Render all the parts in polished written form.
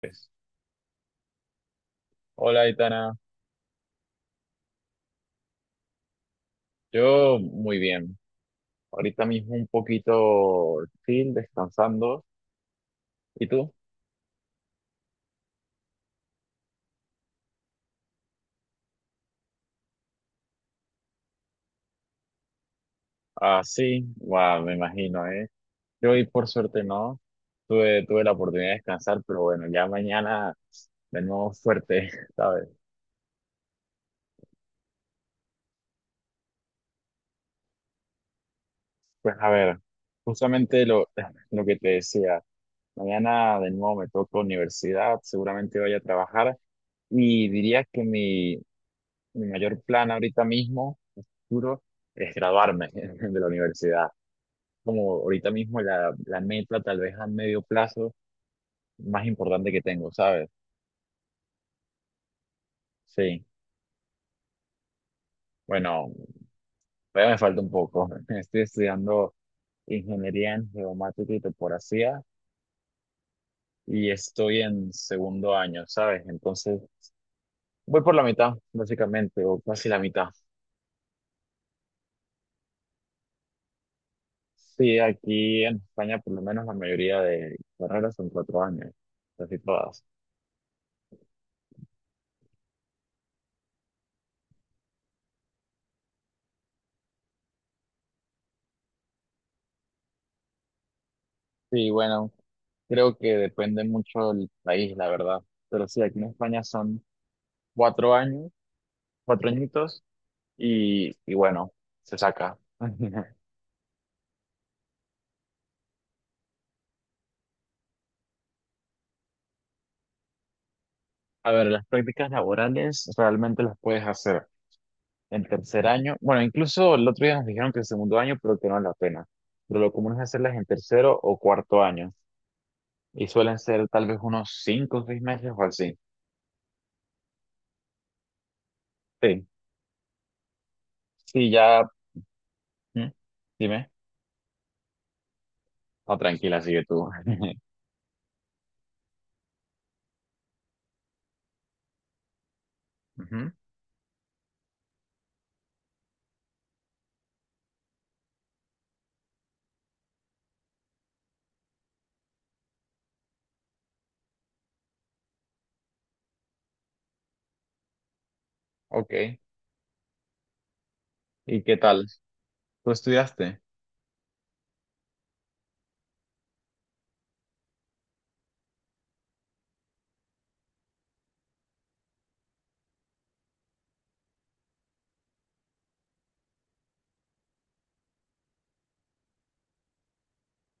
Pues, hola, Itana. Yo muy bien. Ahorita mismo un poquito chill, descansando. ¿Y tú? Ah, sí. Guau, me imagino, ¿eh? Yo hoy por suerte no. Tuve la oportunidad de descansar, pero bueno, ya mañana de nuevo fuerte, ¿sabes? Pues a ver, justamente lo que te decía. Mañana de nuevo me toca universidad, seguramente vaya a trabajar y diría que mi mayor plan ahorita mismo, a futuro, es graduarme de la universidad. Como ahorita mismo la meta, tal vez a medio plazo, más importante que tengo, ¿sabes? Sí. Bueno, todavía me falta un poco. Estoy estudiando ingeniería en geomática y topografía y estoy en 2.º año, ¿sabes? Entonces, voy por la mitad, básicamente, o casi la mitad. Sí, aquí en España, por lo menos la mayoría de carreras son 4 años, casi todas. Sí, bueno, creo que depende mucho del país, la verdad. Pero sí, aquí en España son 4 años, cuatro añitos, y, bueno, se saca. A ver, las prácticas laborales realmente las puedes hacer en 3.er año. Bueno, incluso el otro día nos dijeron que en 2.º año, pero que no es la pena. Pero lo común es hacerlas en tercero o 4.º año. Y suelen ser tal vez unos 5 o 6 meses o así. Sí, sí, ya. ¿Mm? Dime. No, tranquila, sigue tú. Ujú. Ok. ¿Y qué tal? ¿Tú estudiaste?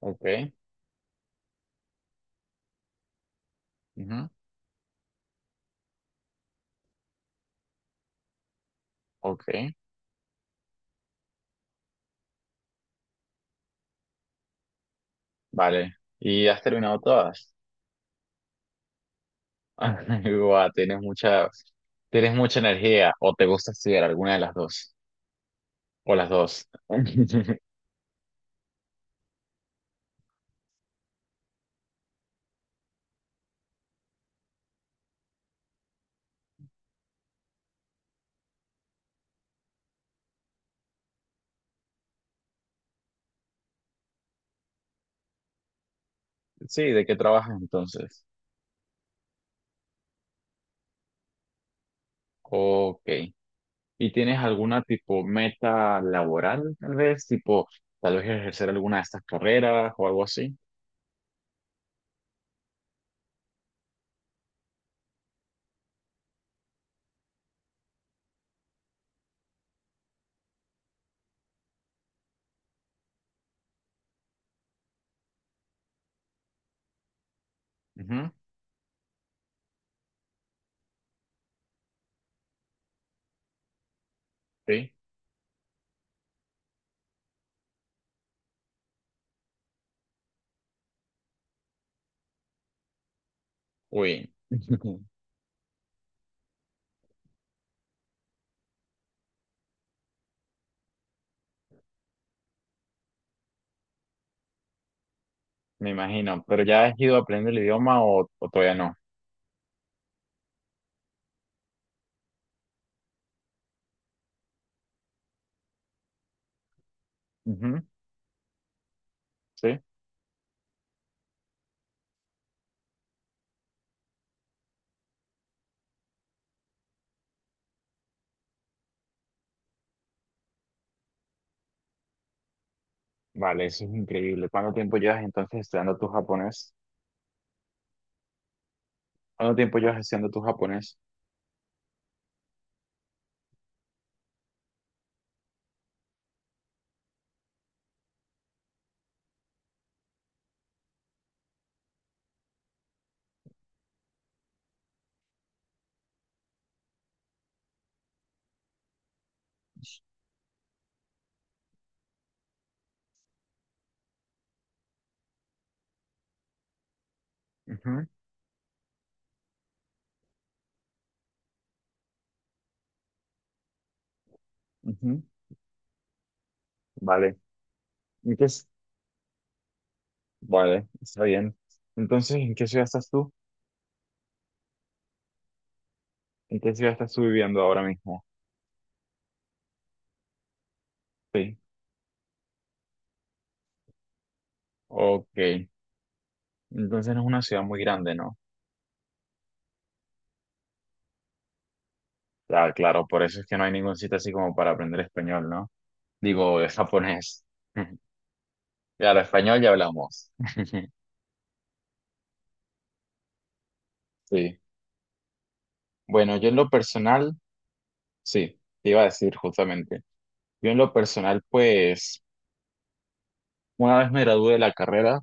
Ok. Ujú. Ok. Vale. ¿Y has terminado todas? Guau, tienes mucha energía. ¿O te gusta estudiar alguna de las dos? O las dos. Sí, ¿de qué trabajas entonces? Ok. ¿Y tienes alguna tipo meta laboral, tal vez? Tipo, tal vez ejercer alguna de estas carreras o algo así. Ujú. Sí. Uy. Me imagino. ¿Pero ya has ido aprendiendo el idioma o todavía no? Sí, vale, eso es increíble. ¿Cuánto tiempo llevas entonces estudiando tu japonés? ¿Cuánto tiempo llevas estudiando tu japonés? Ujú, ujú. Vale, ¿en qué es? Vale, está bien. Entonces, ¿en qué ciudad estás tú? ¿En qué ciudad estás tú viviendo ahora mismo? Sí, ok. Entonces no es una ciudad muy grande, ¿no? Ah, claro, por eso es que no hay ningún sitio así como para aprender español, ¿no? Digo, es japonés. Claro, español ya hablamos. Sí. Bueno, yo en lo personal, sí, te iba a decir justamente. Yo en lo personal, pues, una vez me gradué de la carrera,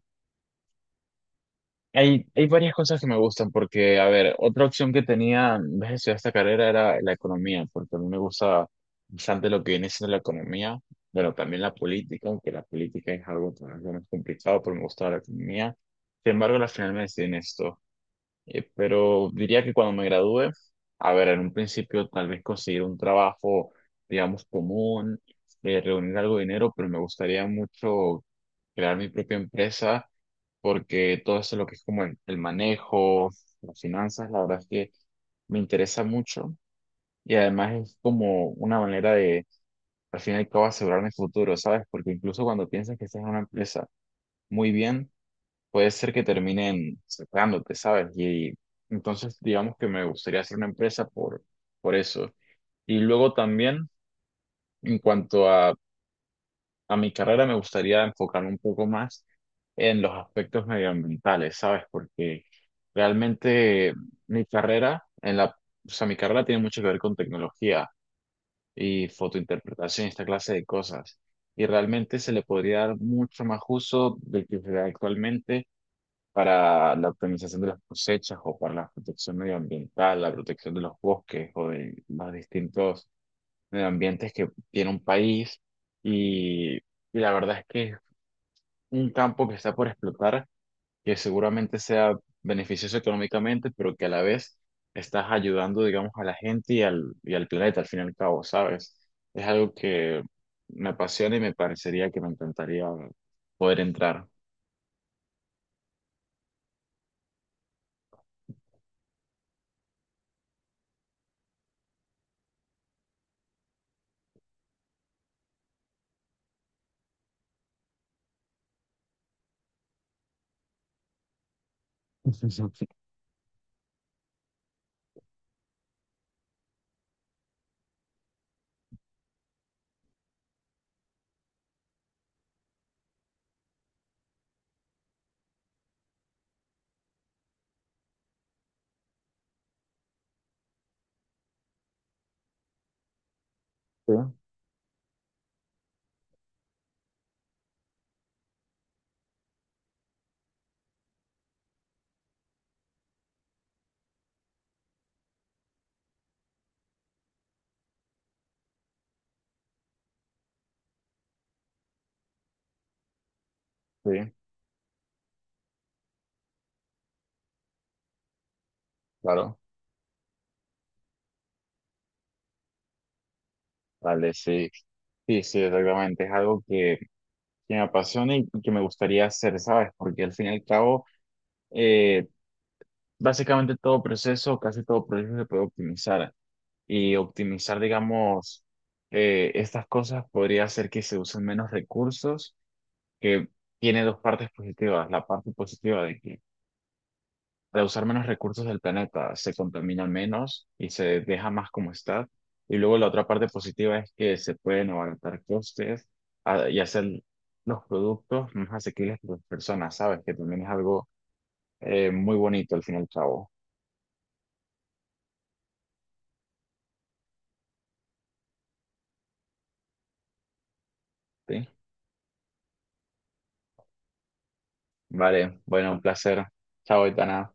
hay varias cosas que me gustan porque, a ver, otra opción que tenía en vez de estudiar esta carrera era la economía, porque a mí me gusta bastante lo que viene siendo la economía, pero también la política, aunque la política es algo todavía más complicado, pero me gusta la economía. Sin embargo, al final me decidí en esto. Pero diría que cuando me gradúe, a ver, en un principio tal vez conseguir un trabajo, digamos, común, reunir algo de dinero, pero me gustaría mucho crear mi propia empresa porque todo eso lo que es como el manejo, las finanzas, la verdad es que me interesa mucho y además es como una manera de, al fin y al cabo, asegurar mi futuro, ¿sabes? Porque incluso cuando piensas que estás en una empresa muy bien, puede ser que terminen cerrándote, ¿sabes? Y entonces, digamos que me gustaría hacer una empresa por eso. Y luego también, en cuanto a mi carrera, me gustaría enfocarme un poco más en los aspectos medioambientales, ¿sabes? Porque realmente mi carrera, o sea, mi carrera tiene mucho que ver con tecnología y fotointerpretación y esta clase de cosas. Y realmente se le podría dar mucho más uso del que se da actualmente para la optimización de las cosechas o para la protección medioambiental, la protección de los bosques o de los distintos medioambientes que tiene un país. Y la verdad es que es un campo que está por explotar, que seguramente sea beneficioso económicamente, pero que a la vez estás ayudando, digamos, a la gente y y al planeta, al fin y al cabo, ¿sabes? Es algo que me apasiona y me parecería que me encantaría poder entrar. Sí, sí, claro. Vale, sí, sí, sí, exactamente. Es algo que me apasiona y que me gustaría hacer, ¿sabes? Porque al fin y al cabo, eh, básicamente todo proceso, casi todo proceso se puede optimizar. Y optimizar, digamos, estas cosas podría hacer que se usen menos recursos, que tiene dos partes positivas. La parte positiva de que de usar menos recursos del planeta, se contamina menos y se deja más como está. Y luego la otra parte positiva es que se pueden abaratar costes a- y hacer los productos más asequibles para las personas, ¿sabes? Que también es algo muy bonito al fin y al cabo, ¿sí? Vale, bueno, un placer. Chao, Itana.